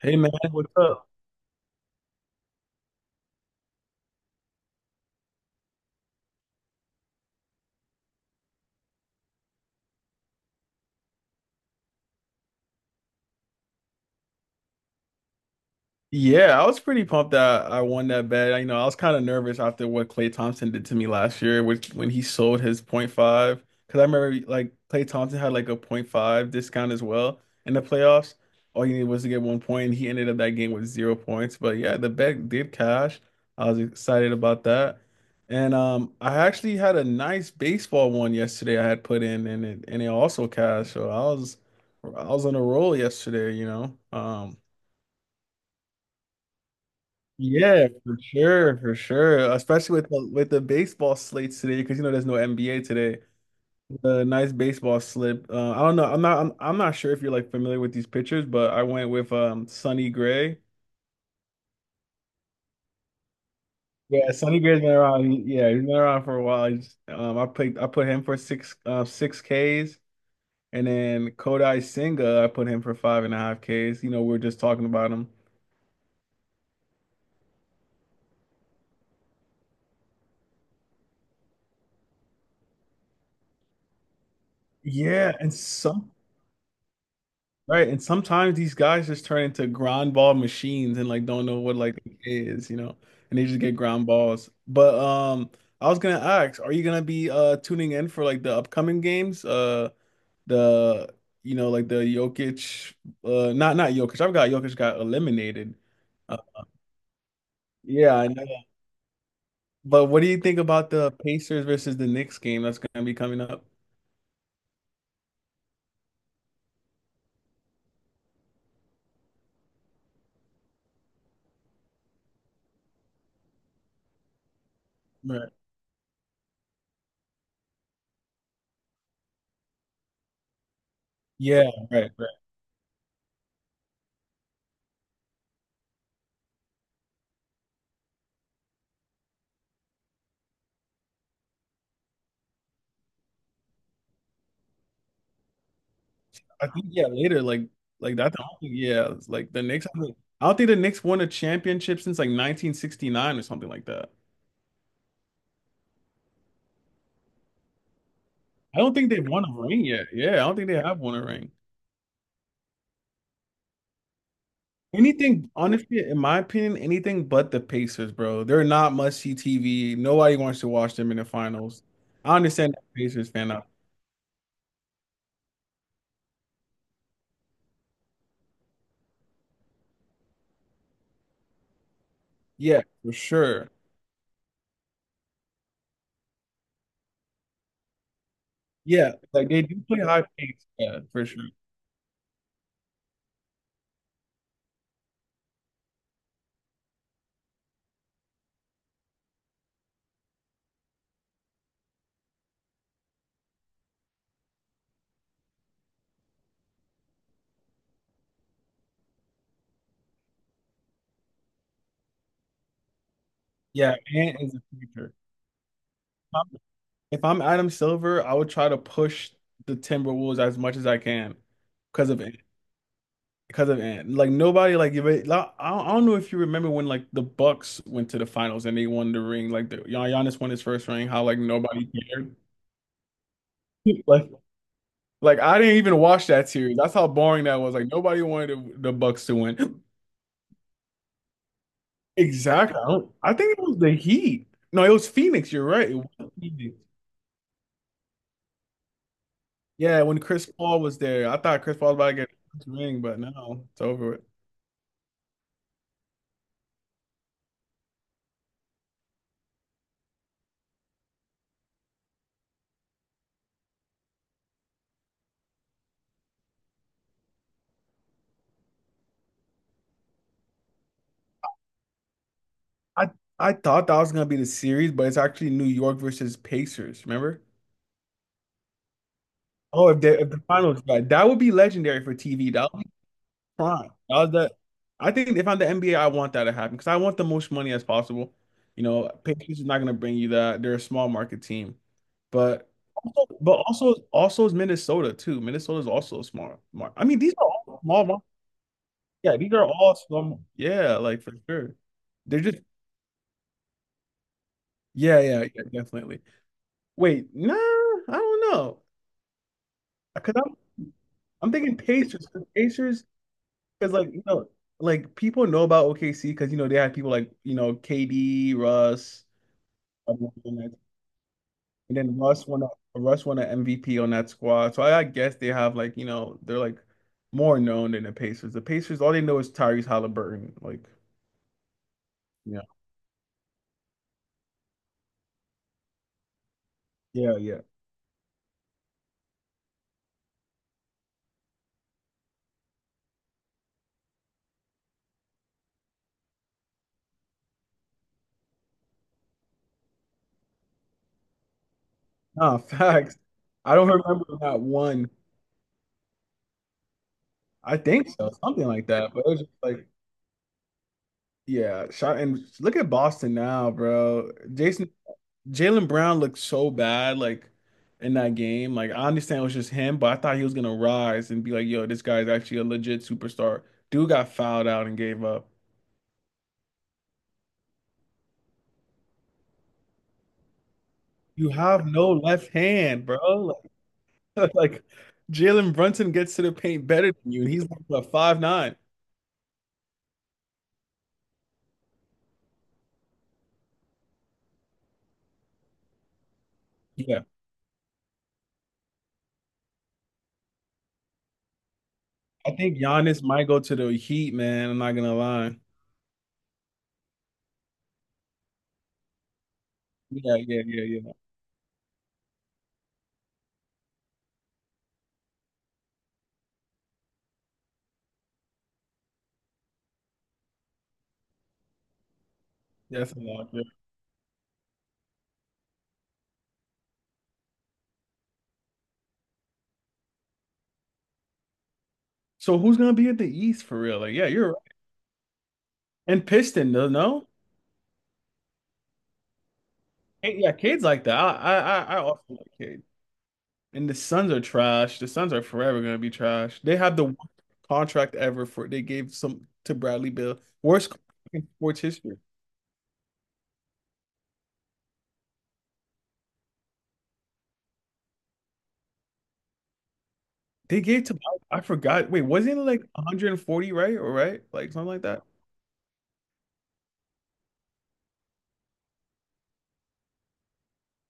Hey man, what's up? Yeah, I was pretty pumped that I won that bet. I was kind of nervous after what Klay Thompson did to me last year, which when he sold his point five. Because I remember like Klay Thompson had like a point five discount as well in the playoffs. All you needed was to get 1 point, and he ended up that game with 0 points. But yeah, the bet did cash. I was excited about that, and I actually had a nice baseball one yesterday. I had put in, and it also cashed. So I was on a roll yesterday. Yeah, for sure, for sure. Especially with the baseball slates today, because there's no NBA today. The nice baseball slip. I don't know. I'm not. I'm not sure if you're like familiar with these pitchers, but I went with Sonny Gray. Yeah, Sonny Gray's been around. Yeah, he's been around for a while. I picked. I put him for six Ks, and then Kodai Senga. I put him for 5.5 Ks. You know, we are just talking about him. Yeah, and some. Right, and sometimes these guys just turn into ground ball machines and like don't know what like it is, and they just get ground balls. But I was gonna ask, are you gonna be tuning in for like the upcoming games? The like the Jokic, not Jokic. I've got Jokic got eliminated. Uh, yeah, I know. But what do you think about the Pacers versus the Knicks game that's gonna be coming up? Right. Yeah, right, right. I think yeah, later like that. I don't think yeah, it's like the Knicks. I don't think the Knicks won a championship since like 1969 or something like that. I don't think they've won a ring yet. Yeah, I don't think they have won a ring. Anything, honestly, in my opinion, anything but the Pacers, bro. They're not must see TV. Nobody wants to watch them in the finals. I understand that Pacers fan out. Yeah, for sure. Yeah, like they do play high pace. Yeah, for sure. Yeah, Ant is the future. If I'm Adam Silver, I would try to push the Timberwolves as much as I can because of because of Ant. Like nobody like if it- like, I don't know if you remember when like the Bucks went to the finals and they won the ring like the Giannis won his first ring how like nobody cared. Like like I didn't even watch that series. That's how boring that was. Like nobody wanted the Bucks to win. Exactly. I, don't, I think it was the Heat. No, it was Phoenix. You're right. It was Phoenix. Yeah, when Chris Paul was there, I thought Chris Paul was about to get his ring, but no, it's over with. I I thought that was gonna be the series, but it's actually New York versus Pacers. Remember? Oh, if the finals, right? That would be legendary for TV. That would be prime. That was the. I think if I'm the NBA, I want that to happen because I want the most money as possible. You know, Pacers is not gonna bring you that. They're a small market team, but also is Minnesota too. Minnesota is also a small market. I mean, these are all small market. Yeah, these are all small. Yeah, like for sure. They're just yeah, yeah, yeah, definitely. Wait, nah, I don't know. Because I'm thinking Pacers. 'Cause Pacers, because like you know, like people know about OKC because you know they had people like you know KD, Russ, um, and then Russ won an MVP on that squad. So I guess they have like you know they're like more known than the Pacers. The Pacers, all they know is Tyrese Halliburton. Like yeah, yeah, yeah. Nah, facts. I don't remember that one. I think so, something like that. But it was just like yeah, shot and look at Boston now, bro. Jason Jalen Brown looked so bad, like in that game. Like I understand it was just him, but I thought he was gonna rise and be like, "Yo, this guy's actually a legit superstar." Dude got fouled out and gave up. You have no left hand, bro. Like, like Jalen Brunson gets to the paint better than you, and he's like what, 5'9". Yeah, I think Giannis might go to the Heat, man. I'm not gonna lie. Yeah, yeah, yeah, yeah. That's a lot. Yeah. So who's gonna be at the East for real? Like, yeah, you're and Piston, no, no? Hey, yeah, Cade's like that. I also like Cade. And the Suns are trash. The Suns are forever gonna be trash. They have the worst contract ever for they gave some to Bradley Beal, worst contract in sports history. They gave to I forgot. Wait, wasn't it like 140, right? Or right? Like something like that.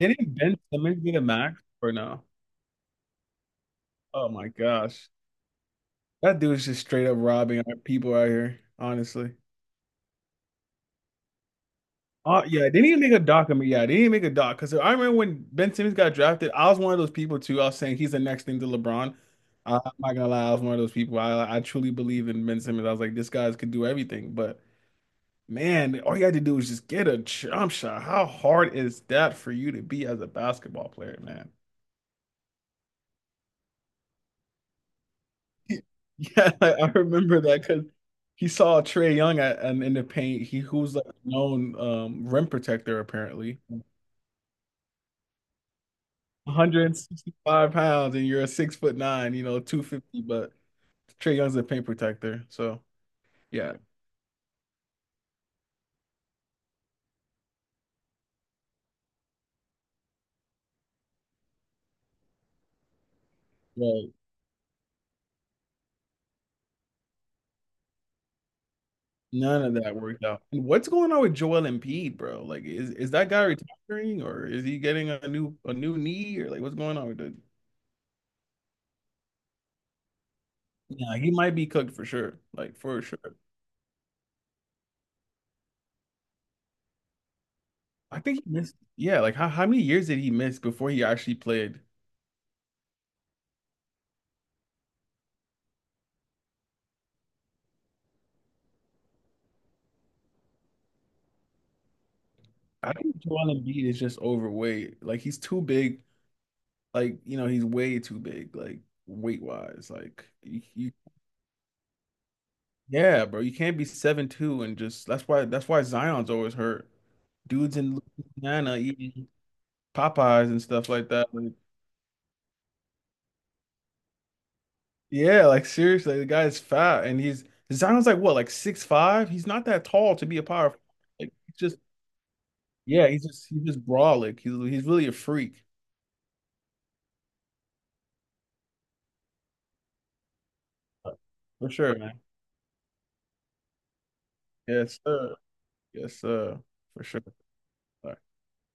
Didn't Ben Simmons get a max or no? Oh my gosh. That dude is just straight up robbing our people out here, honestly. Oh yeah, they need to make a doc on me. Yeah, they need to make a doc because I remember when Ben Simmons got drafted, I was one of those people too. I was saying he's the next thing to LeBron. I'm not gonna lie, I was one of those people. I truly believe in Ben Simmons. I was like, this guy's could do everything. But man, all you had to do was just get a jump shot. How hard is that for you to be as a basketball player, man? Yeah, like, I remember that because he saw Trey Young at, and in the paint. He who's like a known rim protector apparently. 165 pounds and you're a 6'9", you know, 250, but Trey Young's a paint protector. So yeah, well, none of that worked out. And what's going on with Joel Embiid, bro? Like, is that guy retiring or is he getting a new knee or like what's going on with the yeah, he might be cooked for sure. Like for sure. I think he missed Yeah, like how many years did he miss before he actually played? I think Joel Embiid is just overweight. Like he's too big. Like, you know, he's way too big, like weight wise. Like you Yeah, bro. You can't be 7'2" and just that's why Zion's always hurt. Dudes in Louisiana eating Popeyes and stuff like that. Like, yeah, like seriously, the guy is fat and he's Zion's like what, like 6'5"? He's not that tall to be a power forward. Like he's just Yeah, he's just brolic. He's really a freak. For sure, man. Yes, sir. Yes, sir. For sure.